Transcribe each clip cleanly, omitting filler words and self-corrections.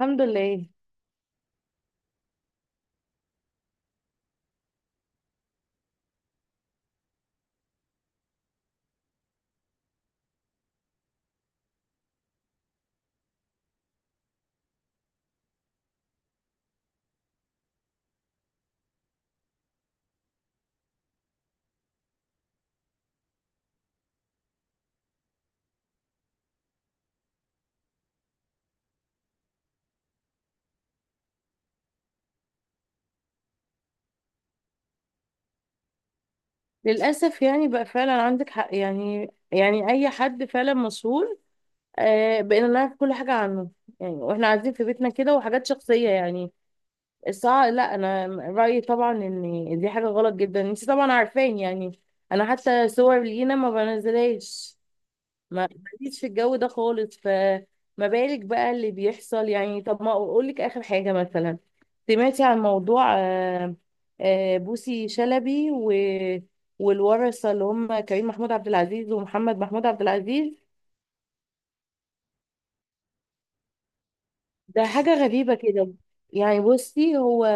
الحمد لله. للأسف يعني بقى فعلا عندك حق، يعني أي حد فعلا مسؤول. آه، بقينا نعرف كل حاجة عنه، يعني واحنا قاعدين في بيتنا كده، وحاجات شخصية يعني. الساعة لا، أنا رأيي طبعا إن دي حاجة غلط جدا، انت طبعا عارفين يعني. أنا حتى صور لينا ما بنزلهاش. ما ماليش في الجو ده خالص، فما بالك بقى اللي بيحصل يعني. طب ما اقول لك اخر حاجه، مثلا سمعتي عن موضوع بوسي شلبي و والورثه، اللي هم كريم محمود عبد العزيز ومحمد محمود عبد العزيز؟ ده حاجه غريبه كده. يعني بصي، هو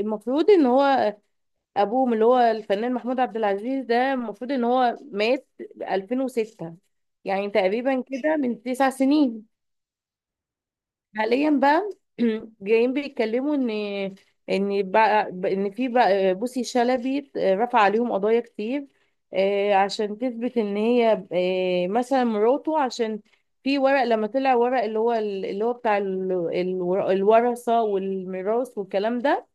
المفروض ان هو ابوهم، اللي هو الفنان محمود عبد العزيز، ده المفروض ان هو مات 2006، يعني تقريبا كده من 9 سنين. حاليا بقى جايين بيتكلموا ان ان بقى ان في بقى بوسي شلبي رفع عليهم قضايا كتير، عشان تثبت ان هي مثلا مراته، عشان في ورق. لما طلع ورق اللي هو بتاع الورثة والميراث والكلام ده،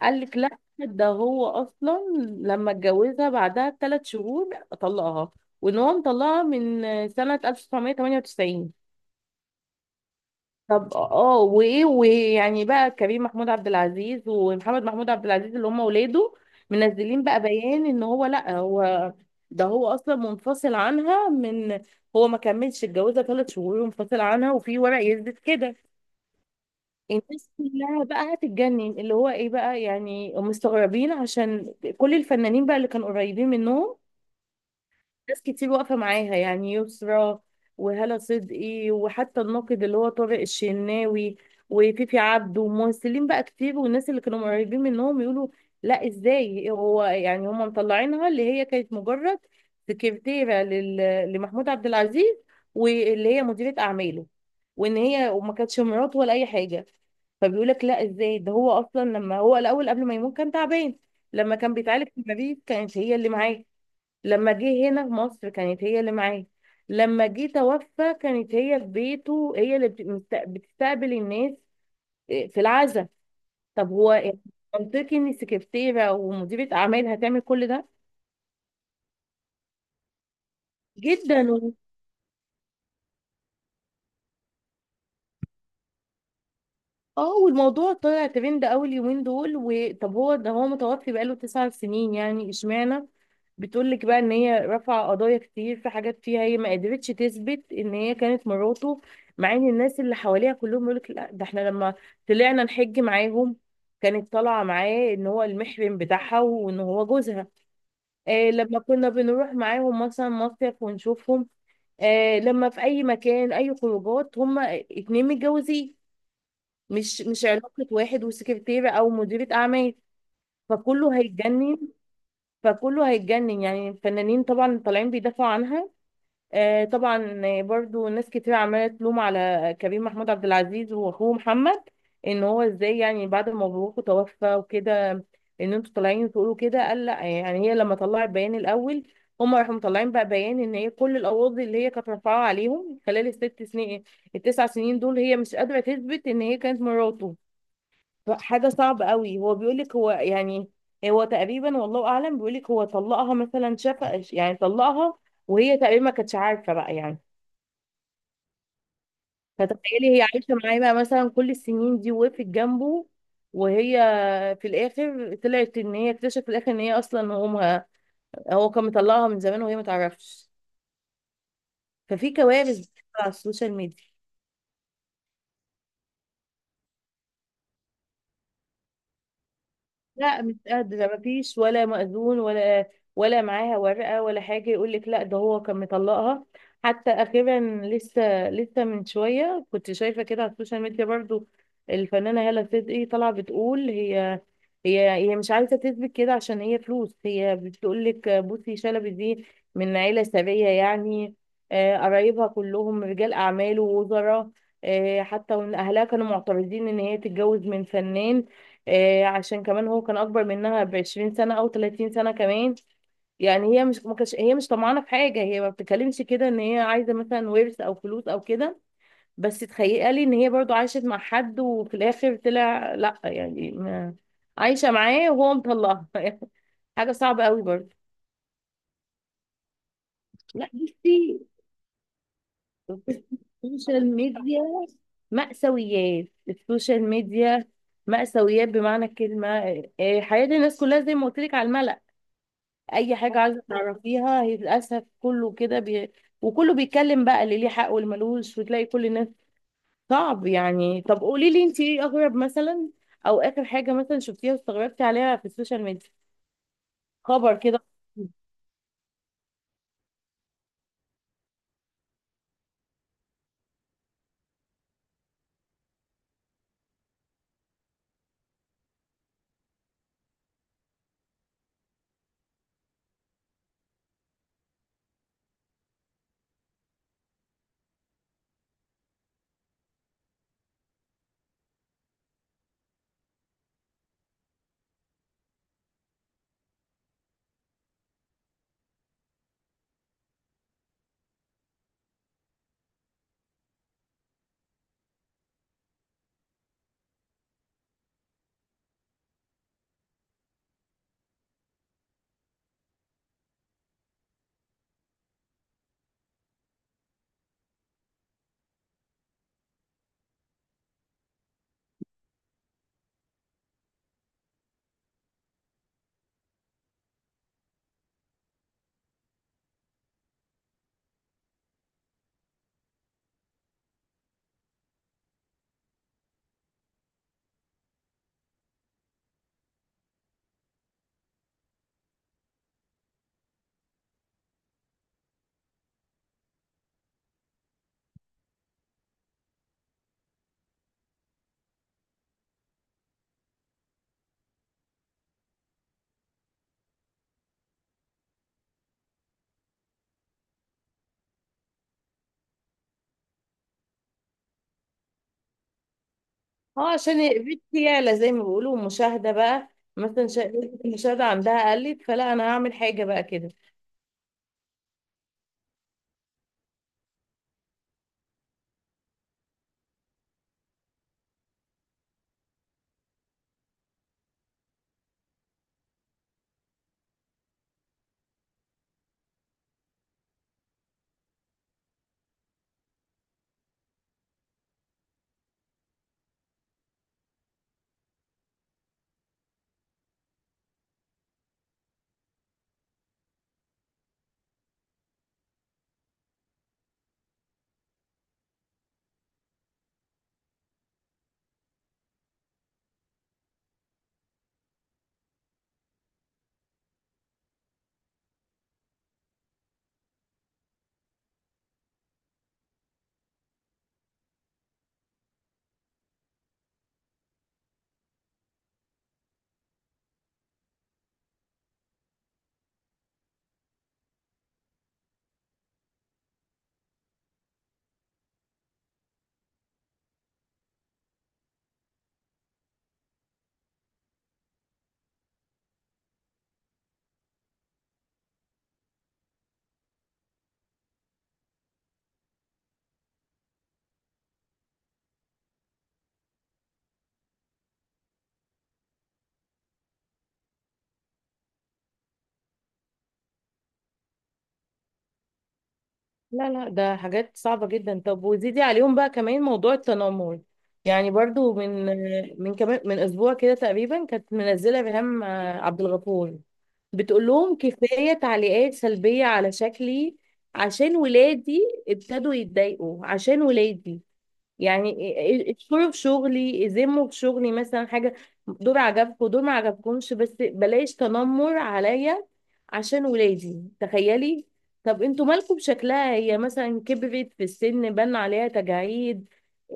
قال لك لا، ده هو اصلا لما اتجوزها بعدها ب3 شهور طلقها، وان هو مطلقها من سنة 1998. طب اه وايه، ويعني بقى كريم محمود عبد العزيز ومحمد محمود عبد العزيز، اللي هم ولاده، منزلين بقى بيان ان هو لا، هو ده هو اصلا منفصل عنها، من، هو ما كملش اتجوزها 3 شهور ومنفصل عنها، وفي ورق يثبت كده. الناس كلها بقى هتتجنن، اللي هو ايه بقى يعني، مستغربين، عشان كل الفنانين بقى اللي كانوا قريبين منهم. ناس كتير واقفة معاها، يعني يسرا وهالة صدقي، وحتى الناقد اللي هو طارق الشناوي وفيفي عبده وممثلين بقى كتير، والناس اللي كانوا قريبين منهم يقولوا لا، ازاي؟ هو يعني هم مطلعينها اللي هي كانت مجرد سكرتيرة لمحمود عبد العزيز، واللي هي مديرة أعماله، وإن هي وما كانتش مراته ولا أي حاجة. فبيقول لك لا، ازاي؟ ده هو اصلا لما هو الاول قبل ما يموت كان تعبان، لما كان بيتعالج في المريض كانت هي اللي معاه، لما جه هنا مصر كانت هي اللي معاه، لما جه توفى كانت هي في بيته، هي اللي بتستقبل الناس في العزاء. طب هو إيه؟ منطقي ان السكرتيره ومديره اعمال هتعمل كل ده؟ جدا. اه والموضوع طلع ترند اول يومين دول، وطب هو ده هو متوفي بقاله 9 سنين، يعني اشمعنى؟ بتقول لك بقى ان هي رفع قضايا كتير، في حاجات فيها هي ما قدرتش تثبت ان هي كانت مراته، مع ان الناس اللي حواليها كلهم يقول لك لا، ده احنا لما طلعنا نحج معاهم كانت طالعه معاه ان هو المحرم بتاعها وان هو جوزها، آه لما كنا بنروح معاهم مثلا مصيف ونشوفهم، آه لما في اي مكان اي خروجات هما اتنين متجوزين، مش علاقة واحد وسكرتيرة أو مديرة أعمال. فكله هيتجنن. فكله هيتجنن، يعني الفنانين طبعا طالعين بيدافعوا عنها. آه طبعا آه، برضو ناس كتير عمالة تلوم على كريم محمود عبد العزيز وأخوه محمد، إن هو إزاي يعني بعد ما مبروكه توفى وكده، إن أنتوا طالعين تقولوا كده؟ قال لأ، يعني هي لما طلعت بيان الأول، هما راحوا مطلعين بقى بيان إن هي كل القواضي اللي هي كانت رافعاها عليهم خلال ال6 سنين، ال9 سنين دول، هي مش قادرة تثبت إن هي كانت مراته. حاجة صعبة قوي. هو بيقولك هو يعني هو تقريبا والله أعلم بيقولك هو طلقها مثلا، شاف يعني طلقها، وهي تقريبا ما كانتش عارفة بقى يعني. فتخيلي هي عايشة معاه بقى مثلا كل السنين دي، وقفت جنبه، وهي في الآخر طلعت إن هي اكتشفت في الآخر إن هي أصلا أمها، هو كان مطلقها من زمان وهي ما تعرفش. ففي كوارث بتحصل على السوشيال ميديا. لا مش قادرة، مفيش ولا مأذون ولا، ولا معاها ورقة ولا حاجة. يقول لك لا، ده هو كان مطلقها. حتى أخيرا، لسه من شوية كنت شايفة كده على السوشيال ميديا برضو، الفنانة هالة صدقي طالعة بتقول، هي مش عايزة تثبت كده عشان هي فلوس. هي بتقول لك بصي شلبي دي من عيلة ثرية يعني. قرايبها كلهم رجال أعمال ووزراء. حتى وإن أهلها كانوا معترضين إن هي تتجوز من فنان، عشان كمان هو كان اكبر منها ب20 سنة او 30 سنة كمان. يعني هي مش طمعانة في حاجة، هي ما بتتكلمش كده ان هي عايزة مثلا ورث او فلوس او كده. بس تخيلي ان هي برضو عاشت مع حد وفي الاخر طلع لا، يعني ما، عايشة معاه وهو مطلقها حاجة صعبة قوي برضو. لا بصي، السوشيال ميديا، مأساويات السوشيال ميديا، مأساويات بمعنى الكلمة. حياة الناس كلها زي ما قلت لك على الملأ. اي حاجه عايزه تعرفيها، هي للاسف كله كده وكله بيتكلم بقى، اللي ليه حق واللي ملوش، وتلاقي كل الناس. صعب يعني. طب قولي لي انت ايه اغرب مثلا، او اخر حاجه مثلا شفتيها واستغربتي عليها في السوشيال ميديا، خبر كده؟ اه، عشان بنتي يعلى زي ما بيقولوا مشاهده بقى، مثلا نسبة المشاهده عندها قلت، فلا انا هعمل حاجه بقى كده. لا لا، ده حاجات صعبة جدا. طب وزيدي عليهم بقى كمان موضوع التنمر. يعني برضو من، من كمان اسبوع كده تقريبا، كانت منزلة ريهام عبد الغفور بتقول لهم كفاية تعليقات سلبية على شكلي، عشان ولادي ابتدوا يتضايقوا، عشان ولادي يعني ادخلوا في شغلي، يذموا في شغلي، مثلا حاجة دول عجبكم دول ما عجبكمش، بس بلاش تنمر عليا عشان ولادي. تخيلي! طب انتوا مالكم بشكلها؟ هي مثلا كبرت في السن بان عليها تجاعيد،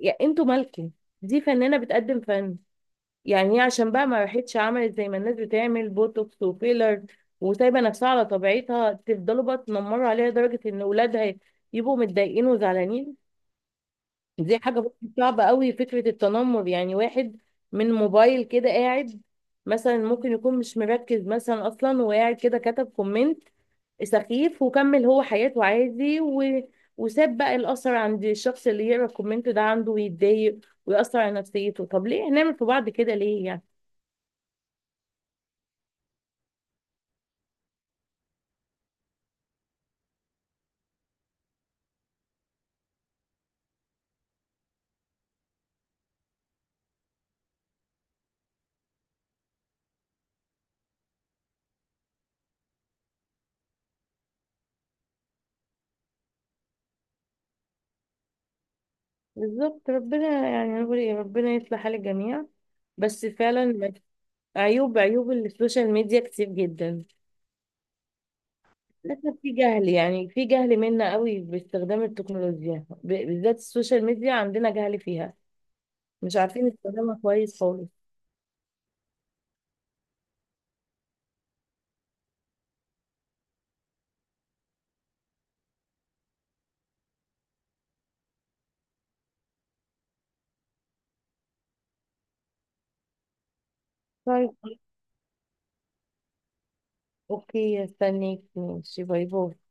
يعني انتوا مالكم؟ دي فنانة بتقدم فن. يعني هي عشان بقى ما راحتش عملت زي ما الناس بتعمل بوتوكس وفيلر، وسايبة نفسها على طبيعتها، تفضلوا بقى تنمروا عليها لدرجة ان ولادها يبقوا متضايقين وزعلانين. دي حاجة برضه صعبة قوي، فكرة التنمر. يعني واحد من موبايل كده قاعد، مثلا ممكن يكون مش مركز مثلا أصلا، وقاعد كده كتب كومنت سخيف، وكمل هو حياته عادي، و... وساب بقى الأثر عند الشخص اللي يقرأ الكومنت ده عنده ويتضايق ويأثر على نفسيته. طب ليه نعمل في بعض كده؟ ليه يعني؟ بالظبط. ربنا يعني نقول إيه، ربنا يصلح حال الجميع. بس فعلا عيوب السوشيال ميديا كتير جدا. للأسف في جهل، منا قوي باستخدام التكنولوجيا، بالذات السوشيال ميديا، عندنا جهل فيها. مش عارفين نستخدمها كويس خالص. طيب. اوكي، استنيك، ماشي، باي باي.